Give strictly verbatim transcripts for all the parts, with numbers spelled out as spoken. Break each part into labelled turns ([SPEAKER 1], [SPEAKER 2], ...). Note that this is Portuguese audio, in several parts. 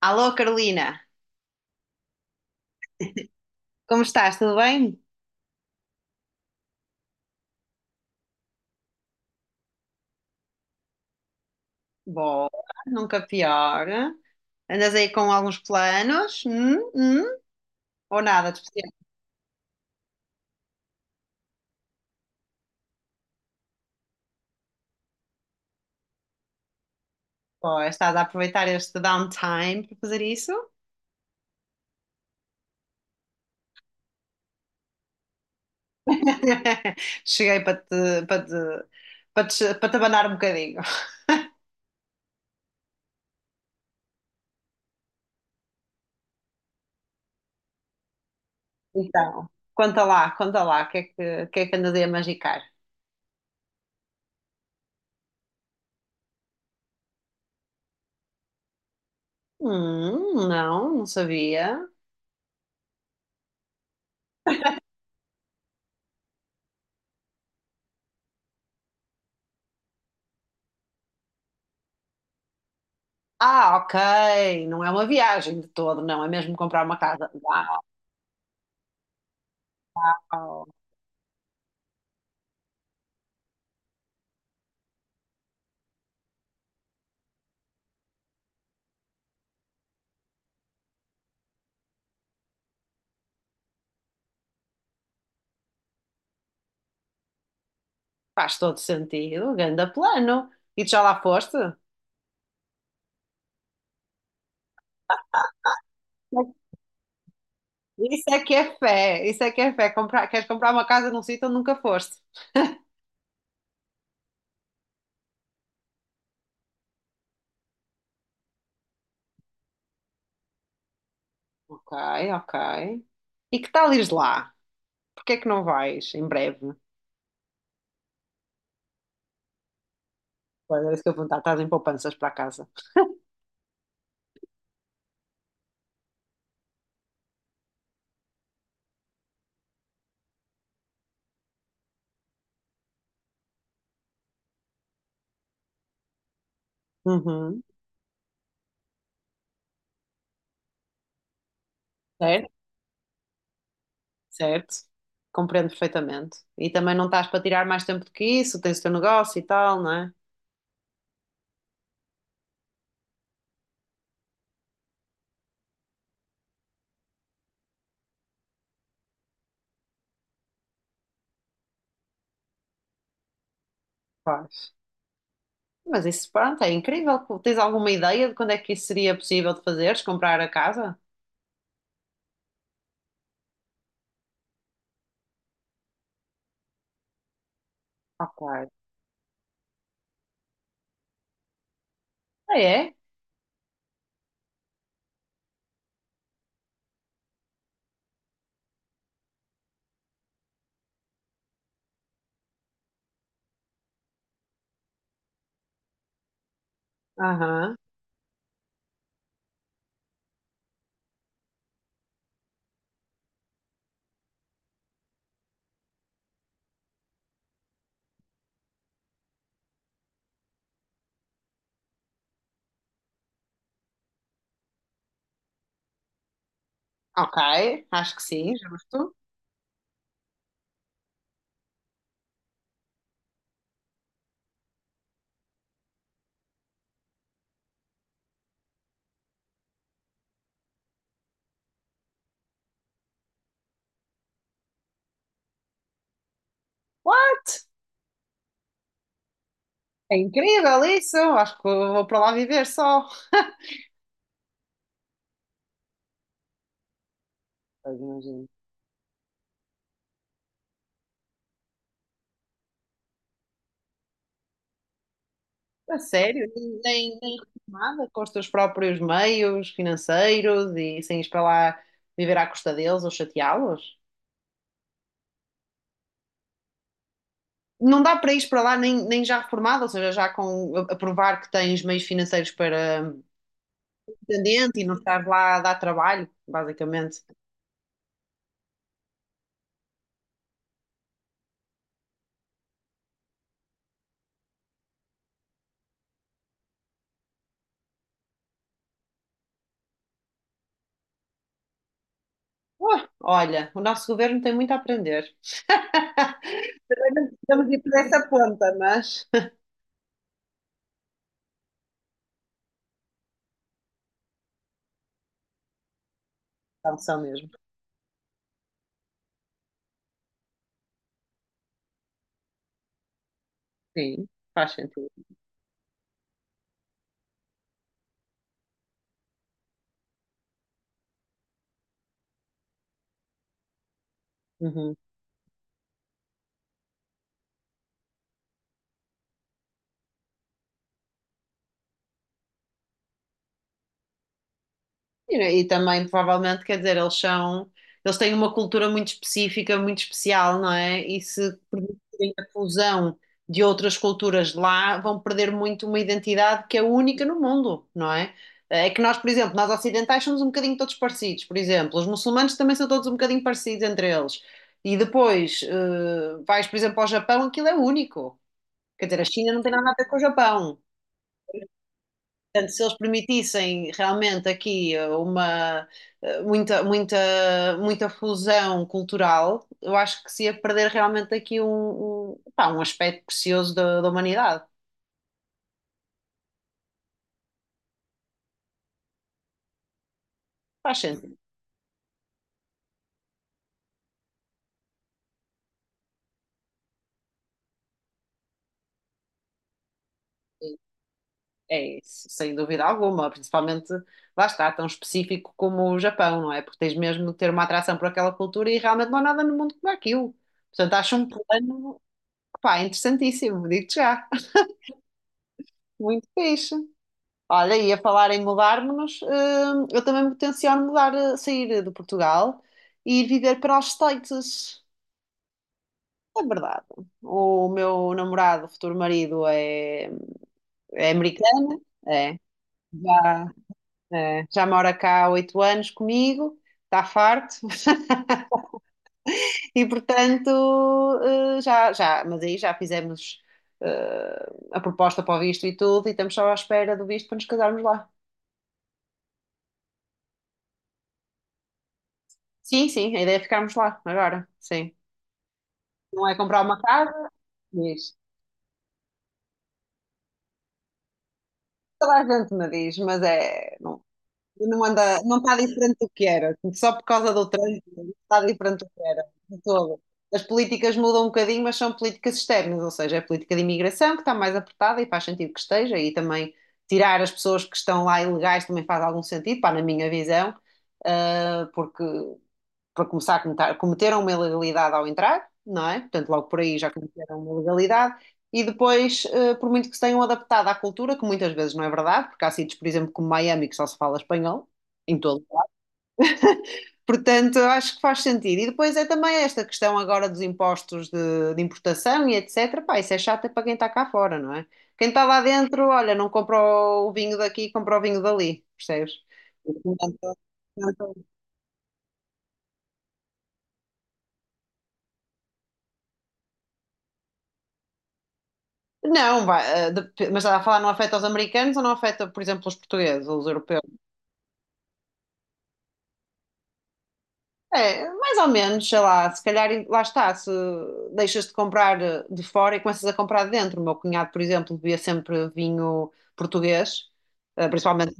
[SPEAKER 1] Alô, Carolina, como estás? Tudo bem? Boa, nunca pior. Andas aí com alguns planos? Hum, hum? Ou nada de especial? Ou estás a aproveitar este downtime para fazer isso? Cheguei para te, para te, para te, para te abanar um bocadinho. Então, conta lá, conta lá, o que é que, o que é que andas aí a magicar? Hum, não, não sabia. Ah, ok, não é uma viagem de todo, não, é mesmo comprar uma casa. Uau. Faz todo sentido, ganda plano. E tu já lá foste? Isso é que é fé, isso é que é fé. Comprar, queres comprar uma casa num sítio onde nunca foste? Ok, ok. E que tal ires lá? Porquê é que não vais em breve? Pois é isso que eu vou perguntar, estás em poupanças para casa. Uhum. Certo, certo. Compreendo perfeitamente. E também não estás para tirar mais tempo do que isso, tens o teu negócio e tal, não é? Faz. Mas isso, pronto, é incrível. Tens alguma ideia de quando é que isso seria possível de fazeres? Comprar a casa? Ok. Ah, é? Aham. Ok, acho que sim, justo. É incrível isso. Acho que vou para lá viver só. Pois, imagino. A sério, nem, nem nem nada, com os teus próprios meios financeiros e sem ir para lá viver à custa deles ou chateá-los? Não dá para ir para lá nem, nem já reformado, ou seja, já com a provar que tens meios financeiros para dependente e não estar lá a dar trabalho, basicamente. Ué, olha, o nosso governo tem muito a aprender. Estamos não ir por essa ponta, mas. São, são mesmo. Sim, faz sentido. Uhum. E, e também, provavelmente, quer dizer, eles são, eles têm uma cultura muito específica, muito especial, não é? E se permitirem a fusão de outras culturas de lá, vão perder muito uma identidade que é única no mundo, não é? É que nós, por exemplo, nós ocidentais somos um bocadinho todos parecidos, por exemplo, os muçulmanos também são todos um bocadinho parecidos entre eles. E depois, eh, vais, por exemplo, ao Japão, aquilo é único. Quer dizer, a China não tem nada a ver com o Japão. Portanto, se eles permitissem realmente aqui eh, uma eh, muita, muita, muita fusão cultural, eu acho que se ia perder realmente aqui um, um, pá, um aspecto precioso da, da humanidade. Faz sentido. É isso, sem dúvida alguma, principalmente lá está, tão específico como o Japão, não é? Porque tens mesmo de ter uma atração por aquela cultura e realmente não há nada no mundo como aquilo. Portanto, acho um plano, pá, interessantíssimo, digo-te já. Muito fixe. Olha, ia falar em mudar-nos, hum, eu também me tenciono mudar, eh, sair de Portugal e ir viver para os States. É verdade. O meu namorado, futuro marido, é, é americano, é. Já, é, já mora cá há oito anos comigo, está farto. E portanto, eh, já, já, mas aí já fizemos, eh, a proposta para o visto e tudo, e estamos só à espera do visto para nos casarmos lá. Sim, sim, a ideia é ficarmos lá agora, sim. Não é comprar uma casa, diz. Toda a gente me diz, mas é. Não, não anda, não está diferente do que era. Só por causa do trânsito, não está diferente do que era. De todo. As políticas mudam um bocadinho, mas são políticas externas, ou seja, é a política de imigração que está mais apertada e faz sentido que esteja, e também tirar as pessoas que estão lá ilegais também faz algum sentido, pá, na minha visão, ah, porque para começar a cometer, cometeram uma ilegalidade ao entrar, não é? Portanto, logo por aí já cometeram uma ilegalidade. E depois, eh, por muito que se tenham adaptado à cultura, que muitas vezes não é verdade, porque há sítios, por exemplo, como Miami, que só se fala espanhol, em todo. Portanto, acho que faz sentido. E depois é também esta questão agora dos impostos de, de importação e etecetera. Pá, isso é chato é para quem está cá fora, não é? Quem está lá dentro, olha, não compra o vinho daqui, compra o vinho dali, percebes? Portanto, não, vai, eh, dep- mas está a falar, não afeta os americanos ou não afeta, por exemplo, os portugueses ou os europeus? É, mais ou menos, sei lá, se calhar, lá está, se deixas de comprar eh, de fora e começas a comprar de dentro. O meu cunhado, por exemplo, bebia sempre vinho português, eh, principalmente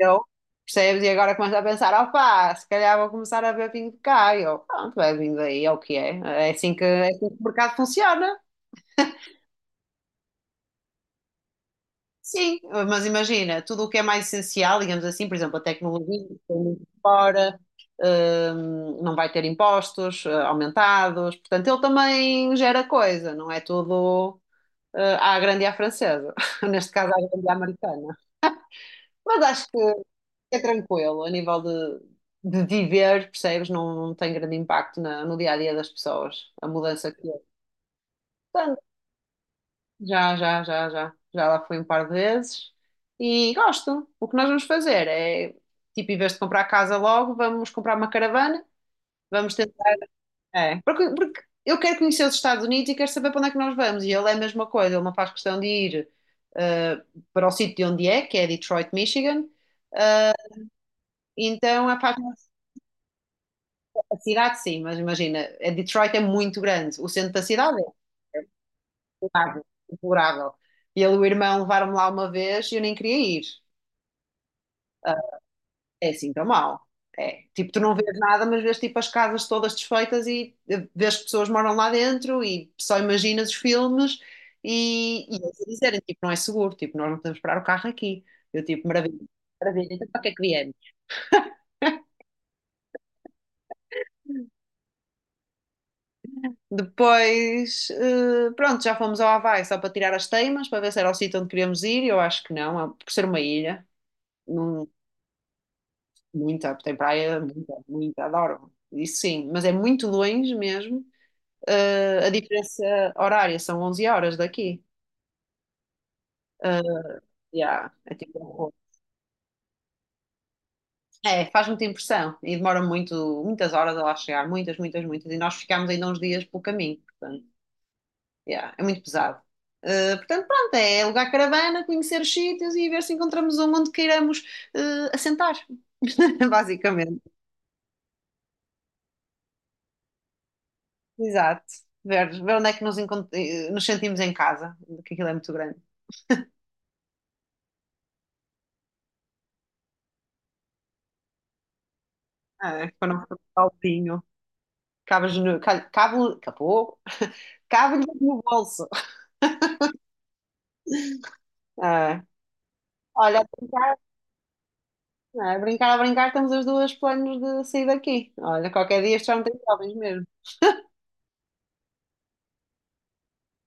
[SPEAKER 1] eu, percebes? E agora começa a pensar, opá, se calhar vou começar a beber vinho de cá. E eu, pronto, bebe vinho daí, é o que é. É assim que, é assim que o mercado funciona. Sim, mas imagina, tudo o que é mais essencial, digamos assim, por exemplo, a tecnologia, foi muito fora, hum, não vai ter impostos, eh, aumentados, portanto, ele também gera coisa, não é tudo, eh, à grande e à francesa, neste caso à grande e à americana. Mas acho que é tranquilo, a nível de, de viver, percebes, não, não tem grande impacto na- no dia a dia das pessoas, a mudança que é. Já, já, já, já. Já lá fui um par de vezes e gosto. O que nós vamos fazer é, tipo, em vez de comprar casa logo, vamos comprar uma caravana, vamos tentar. É, porque, porque eu quero conhecer os Estados Unidos e quero saber para onde é que nós vamos. E ele é a mesma coisa, ele não faz questão de ir eh, para o sítio de onde é, que é Detroit, Michigan. Então, é faz a parte da cidade, sim, mas imagina, a Detroit é muito grande. O centro da cidade é deplorável. Deplorável. E ele e o irmão levaram-me lá uma vez e eu nem queria ir. É assim tão mal. É. Tipo, tu não vês nada, mas vês tipo as casas todas desfeitas e eh, vês que pessoas moram lá dentro e só imaginas os filmes e, e eles a dizerem, tipo, não é seguro, tipo, nós não podemos parar o carro aqui. Eu tipo, maravilha, maravilha, então para que é que viemos? Depois, eh, pronto, já fomos ao Havaí só para tirar as teimas, para ver se era o sítio onde queríamos ir, e eu acho que não, é- por ser uma ilha, não, muita, tem praia, muita, muita, adoro. Isso sim, mas é muito longe mesmo. Eh, a diferença horária são onze horas daqui. Já, é tipo um horror. É, faz muita impressão e demora muito, muitas horas a lá chegar, muitas, muitas, muitas. E nós ficámos ainda uns dias pelo caminho, portanto, já, é muito pesado. Eh, portanto, pronto, é alugar caravana, conhecer os sítios e ver se encontramos um onde queiramos eh, assentar, basicamente. Exato. Ver, ver onde é que nos, encont- eh, nos sentimos em casa, porque aquilo é muito grande. Ah, é, para não ficar sozinho. Cabas no, ca- cabo, capô. Cabe-lhe no bolso. Ah, olha, a brincar, não é? A brincar, a brincar, temos os dois planos de sair daqui. Olha, qualquer dia isto já não tem jovens mesmo.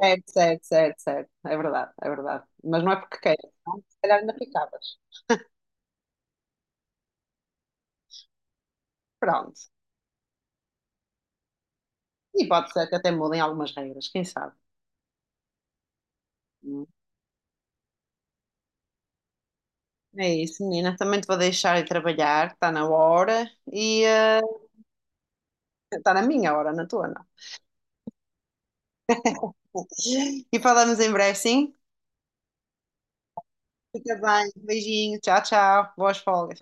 [SPEAKER 1] Certo, certo, certo, certo. É verdade, é verdade. Mas não é porque queiras, não é? Se calhar ainda ficavas. Pronto. E pode ser que até mudem algumas regras, quem sabe? Hum. É isso, menina. Também te vou deixar ir trabalhar, está na hora e eh, está na minha hora, na tua não. E falamos em breve, sim? Fica bem, beijinho, tchau, tchau, boas folgas.